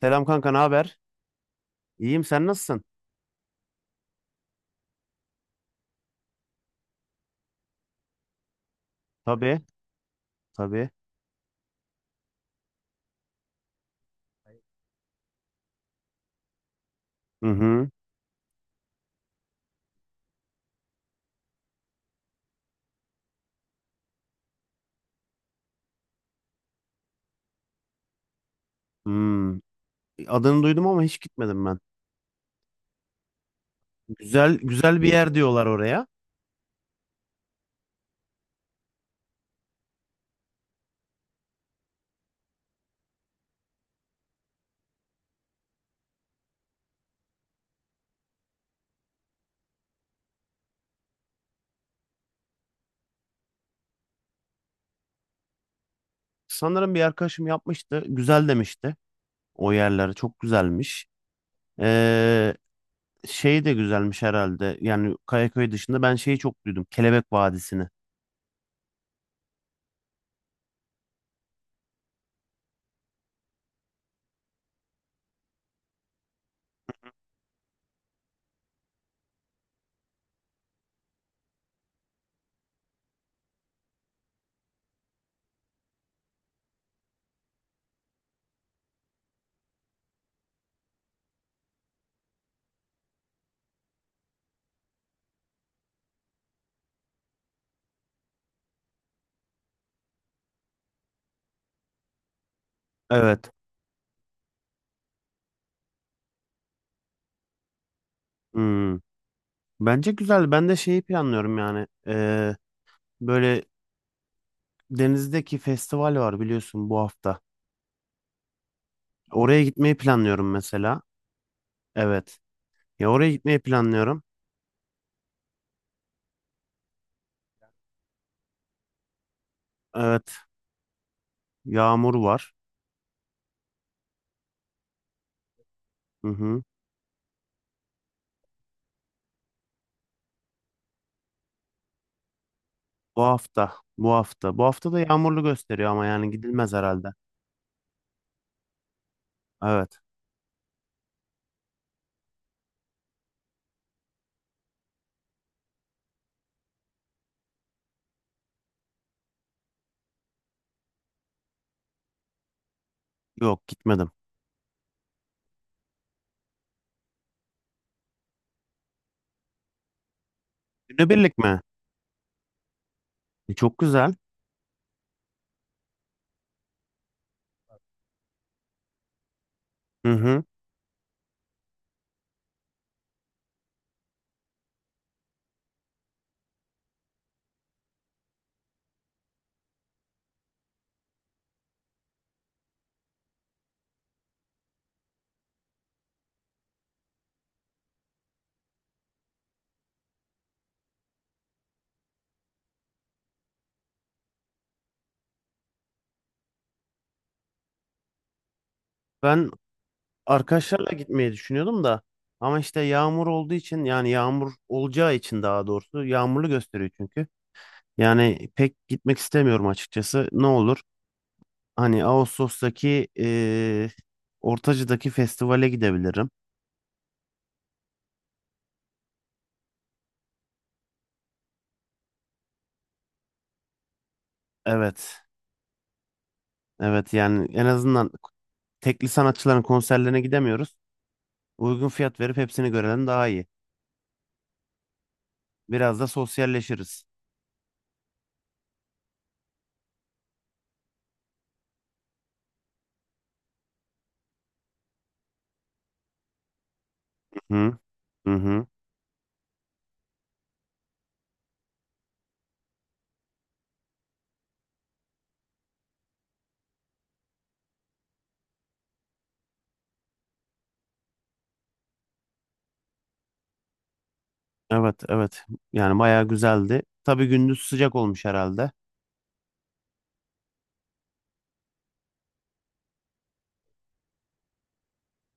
Selam kanka, ne haber? İyiyim, sen nasılsın? Tabii, tabii. Hı hı. Hmm. Adını duydum ama hiç gitmedim ben. Güzel, güzel bir yer diyorlar oraya. Sanırım bir arkadaşım yapmıştı. Güzel demişti. O yerler çok güzelmiş. Ee, şey de güzelmiş herhalde. Yani Kayaköy dışında ben şeyi çok duydum. Kelebek Vadisi'ni. Evet. Hmm. Bence güzel. Ben de şeyi planlıyorum yani. Böyle denizdeki festival var biliyorsun bu hafta. Oraya gitmeyi planlıyorum mesela. Evet. Ya oraya gitmeyi planlıyorum. Evet, yağmur var. Hı hı. Bu hafta, bu hafta. Bu hafta da yağmurlu gösteriyor ama yani gidilmez herhalde. Evet, yok gitmedim. Günübirlik mi? Çok güzel. Hı hı. Ben arkadaşlarla gitmeyi düşünüyordum da ama işte yağmur olduğu için yani yağmur olacağı için daha doğrusu yağmurlu gösteriyor çünkü. Yani pek gitmek istemiyorum açıkçası. Ne olur? Hani Ağustos'taki Ortacı'daki festivale gidebilirim. Evet. Evet yani en azından tekli sanatçıların konserlerine gidemiyoruz. Uygun fiyat verip hepsini görelim daha iyi. Biraz da sosyalleşiriz. Hı hı. Hı. Evet, evet. Yani bayağı güzeldi. Tabii gündüz sıcak olmuş herhalde.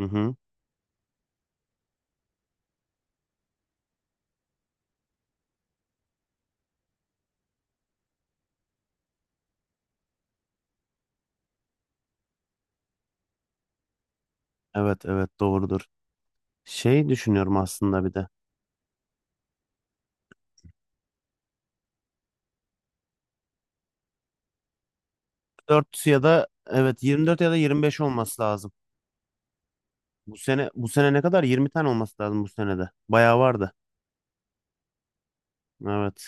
Hı hı. Evet, evet, doğrudur. Şey düşünüyorum aslında bir de. 4 ya da evet 24 ya da 25 olması lazım. Bu sene ne kadar? 20 tane olması lazım bu senede. Bayağı vardı. Evet.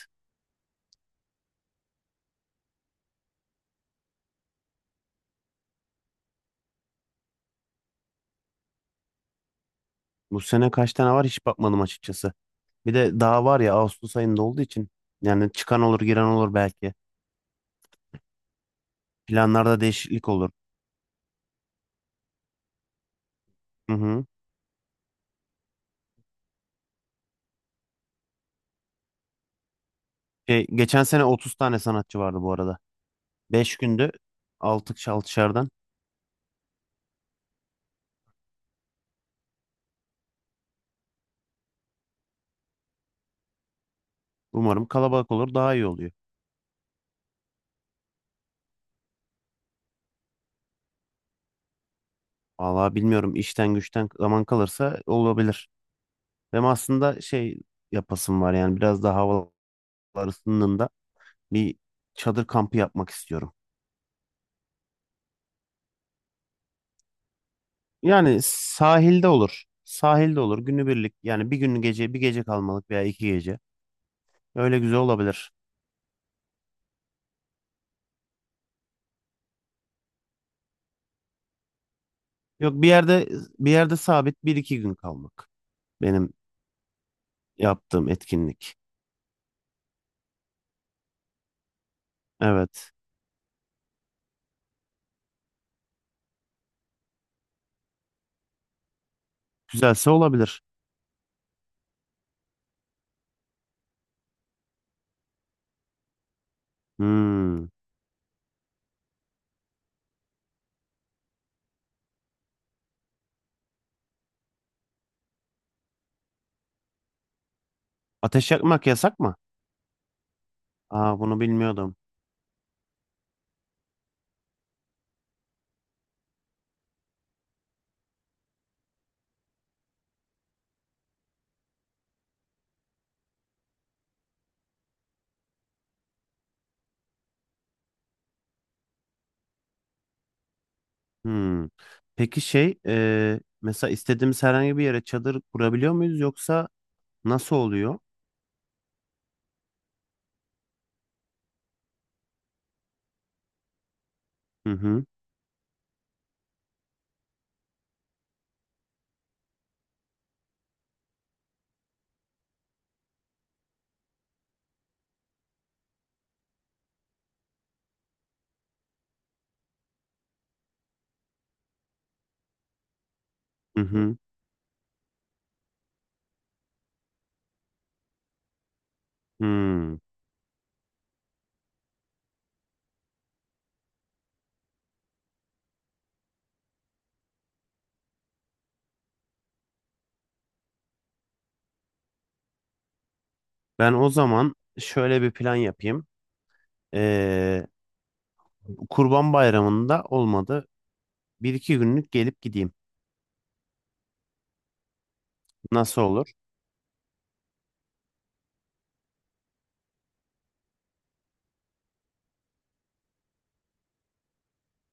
Bu sene kaç tane var hiç bakmadım açıkçası. Bir de daha var ya Ağustos ayında olduğu için yani çıkan olur giren olur belki. Planlarda değişiklik olur. Hı hı. Şey, geçen sene 30 tane sanatçı vardı bu arada. 5 günde 6 şardan. Umarım kalabalık olur, daha iyi oluyor. Vallahi bilmiyorum, işten güçten zaman kalırsa olabilir. Benim aslında şey yapasım var yani, biraz daha havalar ısındığında bir çadır kampı yapmak istiyorum. Yani sahilde olur. Sahilde olur günübirlik yani, bir gün gece, bir gece kalmalık veya 2 gece. Öyle güzel olabilir. Yok, bir yerde sabit bir iki gün kalmak. Benim yaptığım etkinlik. Evet. Güzelse olabilir. Hmm. Ateş yakmak yasak mı? Aa, bunu bilmiyordum. Hmm. Peki şey, mesela istediğimiz herhangi bir yere çadır kurabiliyor muyuz, yoksa nasıl oluyor? Hı hı. Hı hı. Hmm. Ben o zaman şöyle bir plan yapayım. E, Kurban Bayramı'nda olmadı. Bir iki günlük gelip gideyim. Nasıl olur?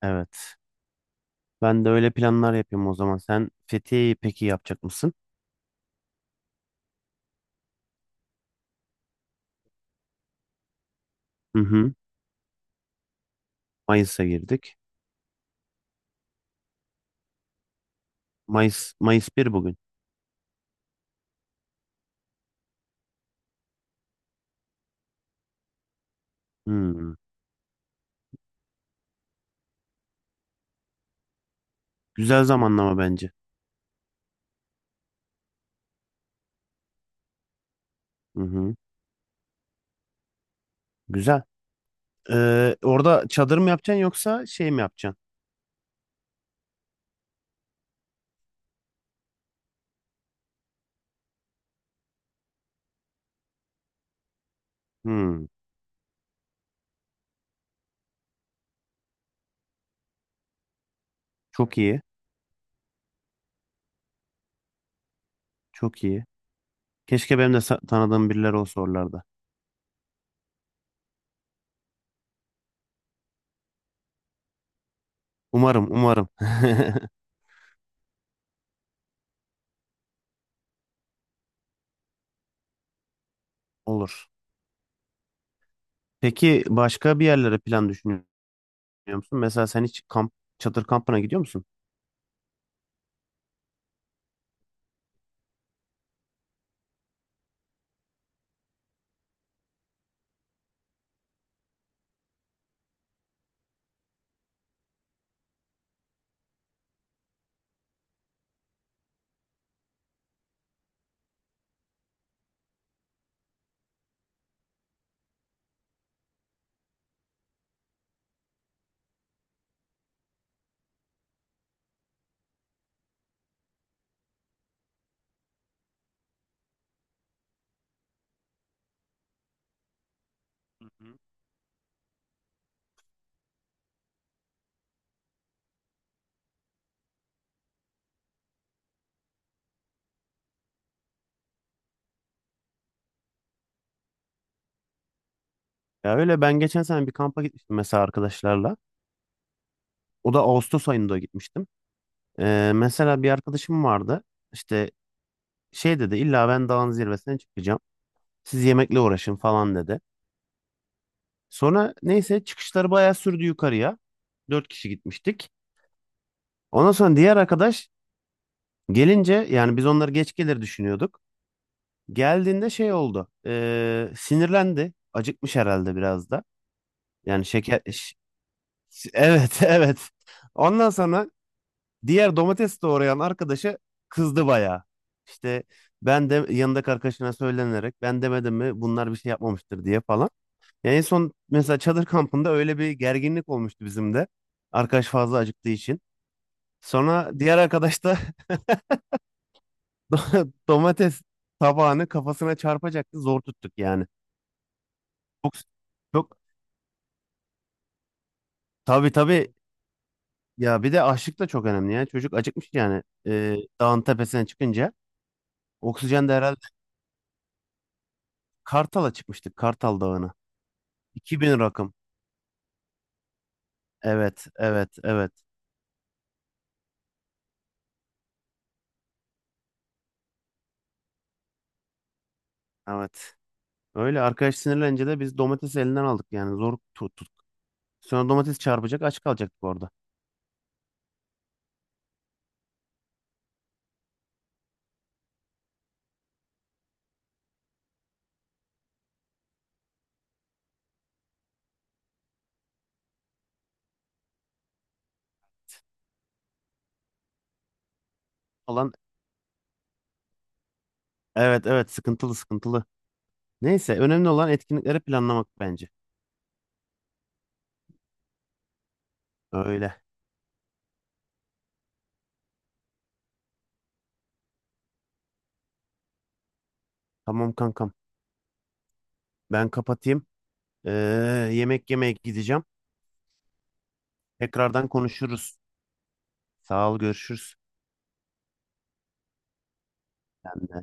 Evet. Ben de öyle planlar yapayım o zaman. Sen Fethiye'yi peki yapacak mısın? Hı hı. Mayıs'a girdik. Mayıs bir bugün. Hmm. Güzel zamanlama bence. Hı hı. Güzel. Orada çadır mı yapacaksın, yoksa şey mi yapacaksın? Hmm. Çok iyi. Çok iyi. Keşke benim de tanıdığım birileri olsa oralarda. Umarım, umarım. Olur. Peki başka bir yerlere plan düşünüyor musun? Mesela sen hiç kamp, çadır kampına gidiyor musun? Hı hı. Ya öyle, ben geçen sene bir kampa gitmiştim mesela arkadaşlarla. O da Ağustos ayında gitmiştim. Mesela bir arkadaşım vardı. İşte şey dedi, illa ben dağın zirvesine çıkacağım. Siz yemekle uğraşın falan dedi. Sonra neyse çıkışları bayağı sürdü yukarıya. 4 kişi gitmiştik. Ondan sonra diğer arkadaş gelince, yani biz onları geç gelir düşünüyorduk. Geldiğinde şey oldu, sinirlendi. Acıkmış herhalde biraz da. Yani şeker... ş- Evet, evet. Ondan sonra diğer domates doğrayan arkadaşı kızdı bayağı. İşte ben de yanındaki arkadaşına söylenerek, ben demedim mi bunlar bir şey yapmamıştır diye falan. Yani en son mesela çadır kampında öyle bir gerginlik olmuştu bizim de. Arkadaş fazla acıktığı için. Sonra diğer arkadaş da domates tabağını kafasına çarpacaktı. Zor tuttuk yani. Çok, çok, tabii tabii, ya bir de açlık da çok önemli yani. Çocuk acıkmış yani, dağın tepesine çıkınca. Oksijen de herhalde. Kartal'a çıkmıştık. Kartal Dağı'na. 2000 rakım. Evet, evet, evet, evet. Öyle arkadaş sinirlenince de biz domatesi elinden aldık, yani zor tuttuk. Sonra domates çarpacak, aç kalacaktık orada. Olan evet, evet, sıkıntılı sıkıntılı. Neyse, önemli olan etkinlikleri planlamak bence. Öyle. Tamam kankam. Ben kapatayım. Ee, yemek yemeye gideceğim. Tekrardan konuşuruz. Sağ ol, görüşürüz. Sen de.